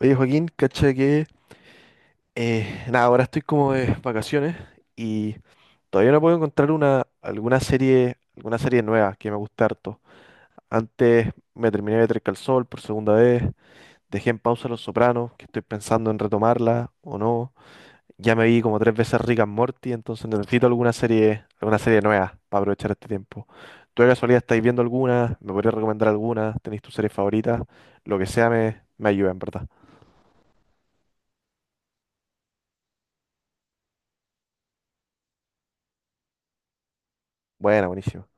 Oye, Joaquín, cacha que nada, ahora estoy como de vacaciones y todavía no puedo encontrar alguna serie nueva que me guste harto. Antes me terminé de Better Call Saul por segunda vez, dejé en pausa Los Sopranos, que estoy pensando en retomarla o no. Ya me vi como tres veces Rick and Morty, entonces necesito alguna serie nueva para aprovechar este tiempo. ¿Tú de casualidad estáis viendo alguna? ¿Me podrías recomendar alguna? ¿Tenéis tu serie favorita? Lo que sea me ayuda, en verdad. Buena, buenísima.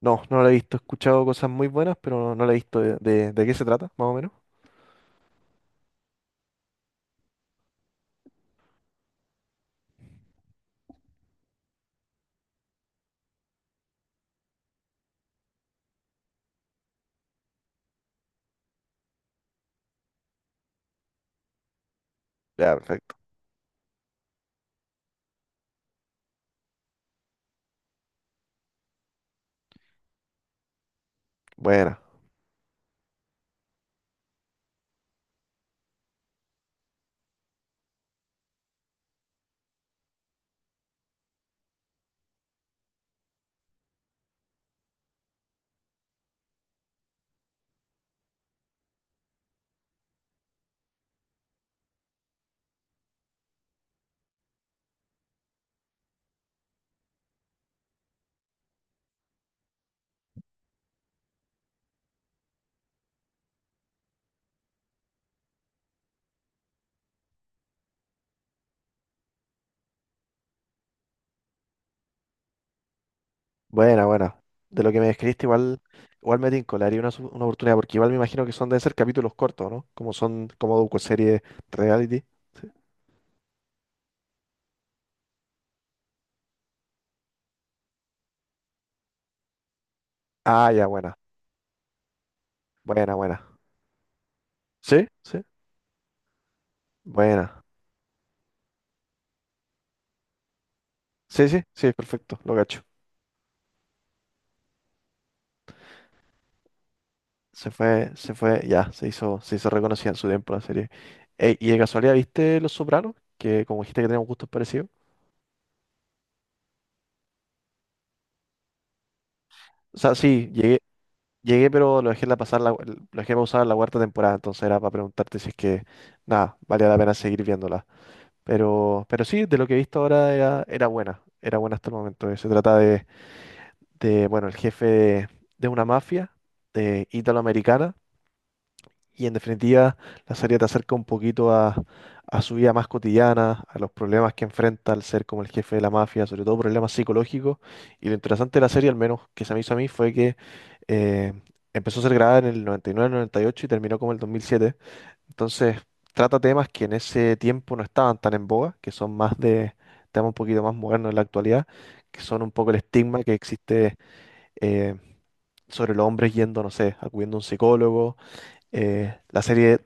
No, no la he visto. He escuchado cosas muy buenas, pero no, no la he visto. ¿De qué se trata, más o menos? Ya, perfecto. Buena, buena, buena. De lo que me describiste, igual, me tinco, le haría una oportunidad, porque igual me imagino que son, deben ser capítulos cortos, ¿no? Como son, como docuseries reality. Sí. Ah, ya, buena, buena, buena. ¿Sí? ¿Sí? Buena. Sí, sí, sí, perfecto, lo cacho. Se fue, ya, se hizo reconocida en su tiempo la serie. Ey, y de casualidad, ¿viste Los Sopranos? Que como dijiste que tenemos gustos parecidos. O sea, sí, llegué, pero lo dejé pausar la cuarta temporada, entonces era para preguntarte si es que, nada, valía la pena seguir viéndola. Pero sí, de lo que he visto ahora era buena, era buena hasta el momento. Se trata de, bueno, el jefe de una mafia italoamericana y en definitiva la serie te acerca un poquito a su vida más cotidiana, a los problemas que enfrenta al ser como el jefe de la mafia, sobre todo problemas psicológicos. Y lo interesante de la serie, al menos que se me hizo a mí, fue que eh, empezó a ser grabada en el 98 y terminó como el 2007. Entonces trata temas que en ese tiempo no estaban tan en boga, que son más de temas un poquito más modernos en la actualidad, que son un poco el estigma que existe eh, sobre los hombres yendo, no sé, acudiendo a un psicólogo. La serie,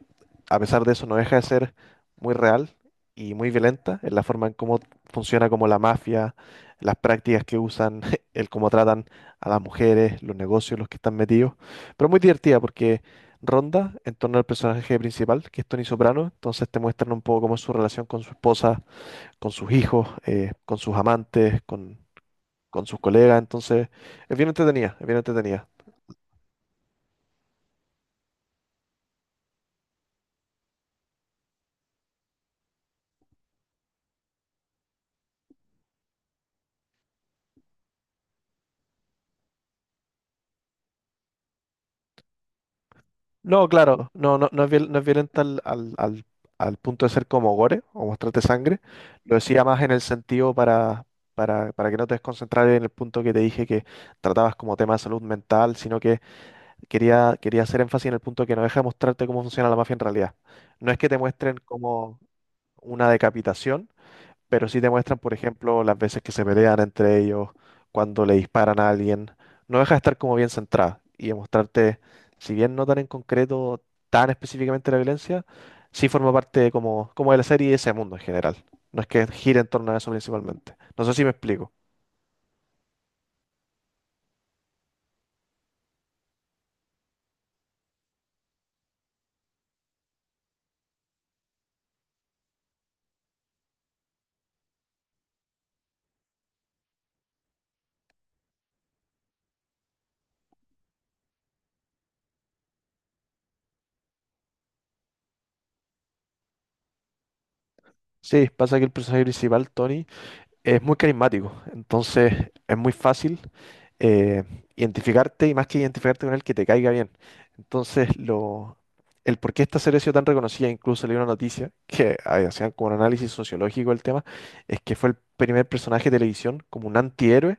a pesar de eso, no deja de ser muy real y muy violenta en la forma en cómo funciona como la mafia, las prácticas que usan, el cómo tratan a las mujeres, los negocios, los que están metidos. Pero muy divertida porque ronda en torno al personaje principal, que es Tony Soprano. Entonces te muestran un poco cómo es su relación con su esposa, con sus hijos, con sus amantes, con sus colegas. Entonces es bien entretenida, es bien entretenida. No, claro, no, no es violenta al punto de ser como gore o mostrarte sangre. Lo decía más en el sentido para que no te desconcentrar en el punto que te dije que tratabas como tema de salud mental, sino que quería hacer énfasis en el punto que no deja de mostrarte cómo funciona la mafia en realidad. No es que te muestren como una decapitación, pero sí demuestran, por ejemplo, las veces que se pelean entre ellos, cuando le disparan a alguien. No deja de estar como bien centrada y demostrarte, si bien no tan en concreto, tan específicamente la violencia, sí forma parte de como de la serie y de ese mundo en general. No es que gire en torno a eso principalmente. No sé si me explico. Sí, pasa que el personaje principal, Tony, es muy carismático, entonces es muy fácil eh, identificarte y más que identificarte con él, que te caiga bien. Entonces, el por qué esta serie ha sido tan reconocida, incluso leí una noticia que hacían como un análisis sociológico del tema, es que fue el primer personaje de televisión como un antihéroe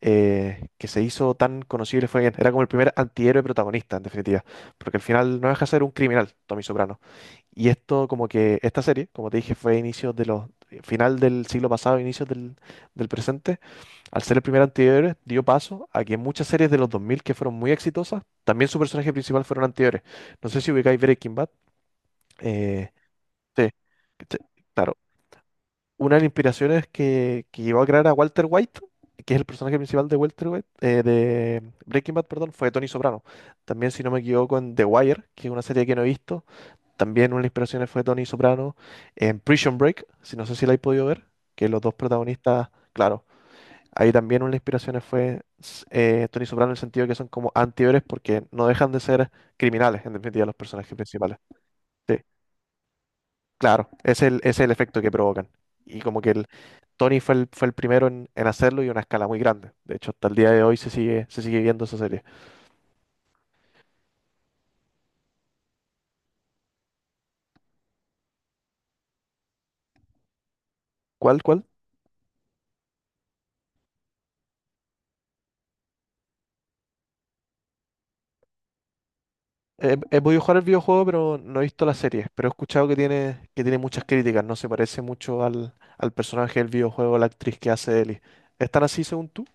que se hizo tan conocido y le fue bien. Era como el primer antihéroe protagonista, en definitiva, porque al final no deja de ser un criminal, Tommy Soprano, y esto como que esta serie, como te dije, fue a inicios de los final del siglo pasado, inicios del presente, al ser el primer antihéroe, dio paso a que muchas series de los 2000 que fueron muy exitosas, también su personaje principal fueron antihéroes. No sé si ubicáis Breaking Bad. eh, sí, sí, claro. Una de las inspiraciones que llevó a crear a Walter White, que es el personaje principal de Walter White, de Breaking Bad, perdón, fue Tony Soprano. También, si no me equivoco, en The Wire, que es una serie que no he visto, también una de las inspiraciones fue Tony Soprano en Prison Break, si no sé si la habéis podido ver, que los dos protagonistas, claro, ahí también una de las inspiraciones fue Tony Soprano en el sentido de que son como antihéroes porque no dejan de ser criminales, en definitiva, los personajes principales. Sí, claro, es el efecto que provocan. Y como que Tony fue el primero en hacerlo y a una escala muy grande. De hecho, hasta el día de hoy se sigue viendo esa serie. ¿Cuál, cuál? He podido jugar el videojuego, pero no he visto la serie. Pero he escuchado que tiene muchas críticas. No se parece mucho al personaje del videojuego, la actriz que hace Ellie. ¿Están así según tú?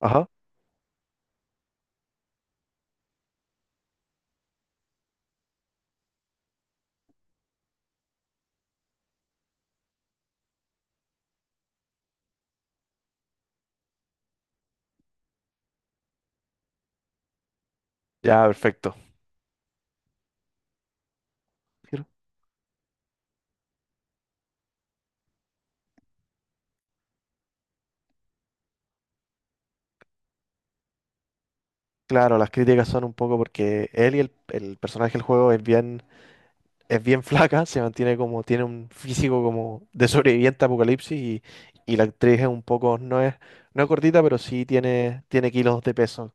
Ajá. Ya, perfecto. Claro, Claro, las críticas son un poco porque Ellie, el personaje del juego, es bien flaca, se mantiene como, tiene un físico como de sobreviviente a apocalipsis y la actriz es un poco, no es gordita, pero sí tiene kilos de peso.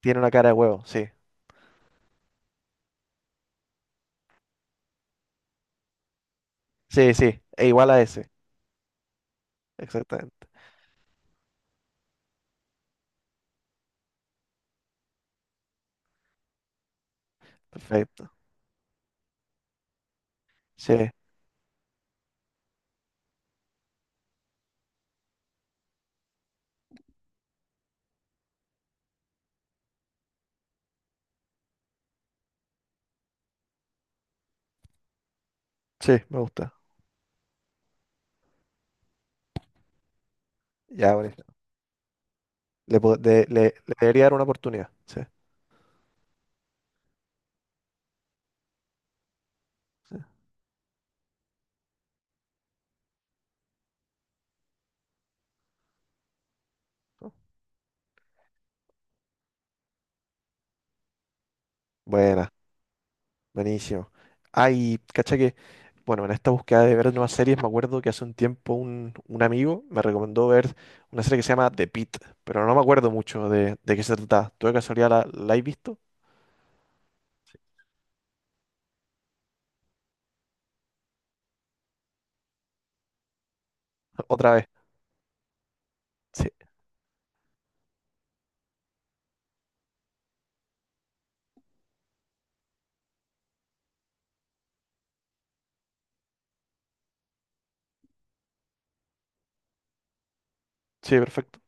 Tiene una cara de huevo, sí. Sí, sí, e igual a ese. Exactamente. Perfecto. Sí, sí, me gusta. Ya, bonito. Le, po- de- le debería dar una oportunidad. Sí, sí. Buena, buenísimo. Ay, cacha que, bueno, en esta búsqueda de ver nuevas series, me acuerdo que hace un tiempo un amigo me recomendó ver una serie que se llama The Pitt, pero no me acuerdo mucho de qué se trataba. ¿Tú de casualidad la has visto? Otra vez. Sí, sí, perfecto.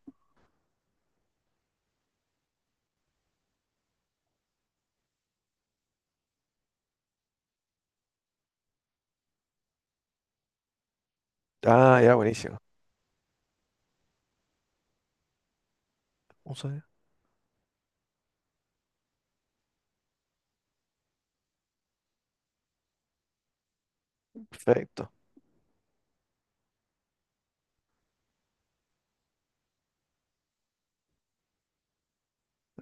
Ah, ya, buenísimo. Un sonido. Perfecto.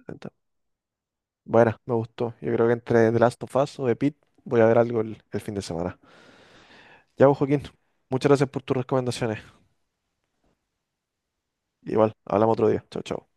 Ento- Buena, me gustó. Yo creo que entre The Last of Us o The Pitt voy a ver algo el fin de semana. Ya, pues, Joaquín, muchas gracias por tus recomendaciones. Igual, hablamos otro día. Chao, chao.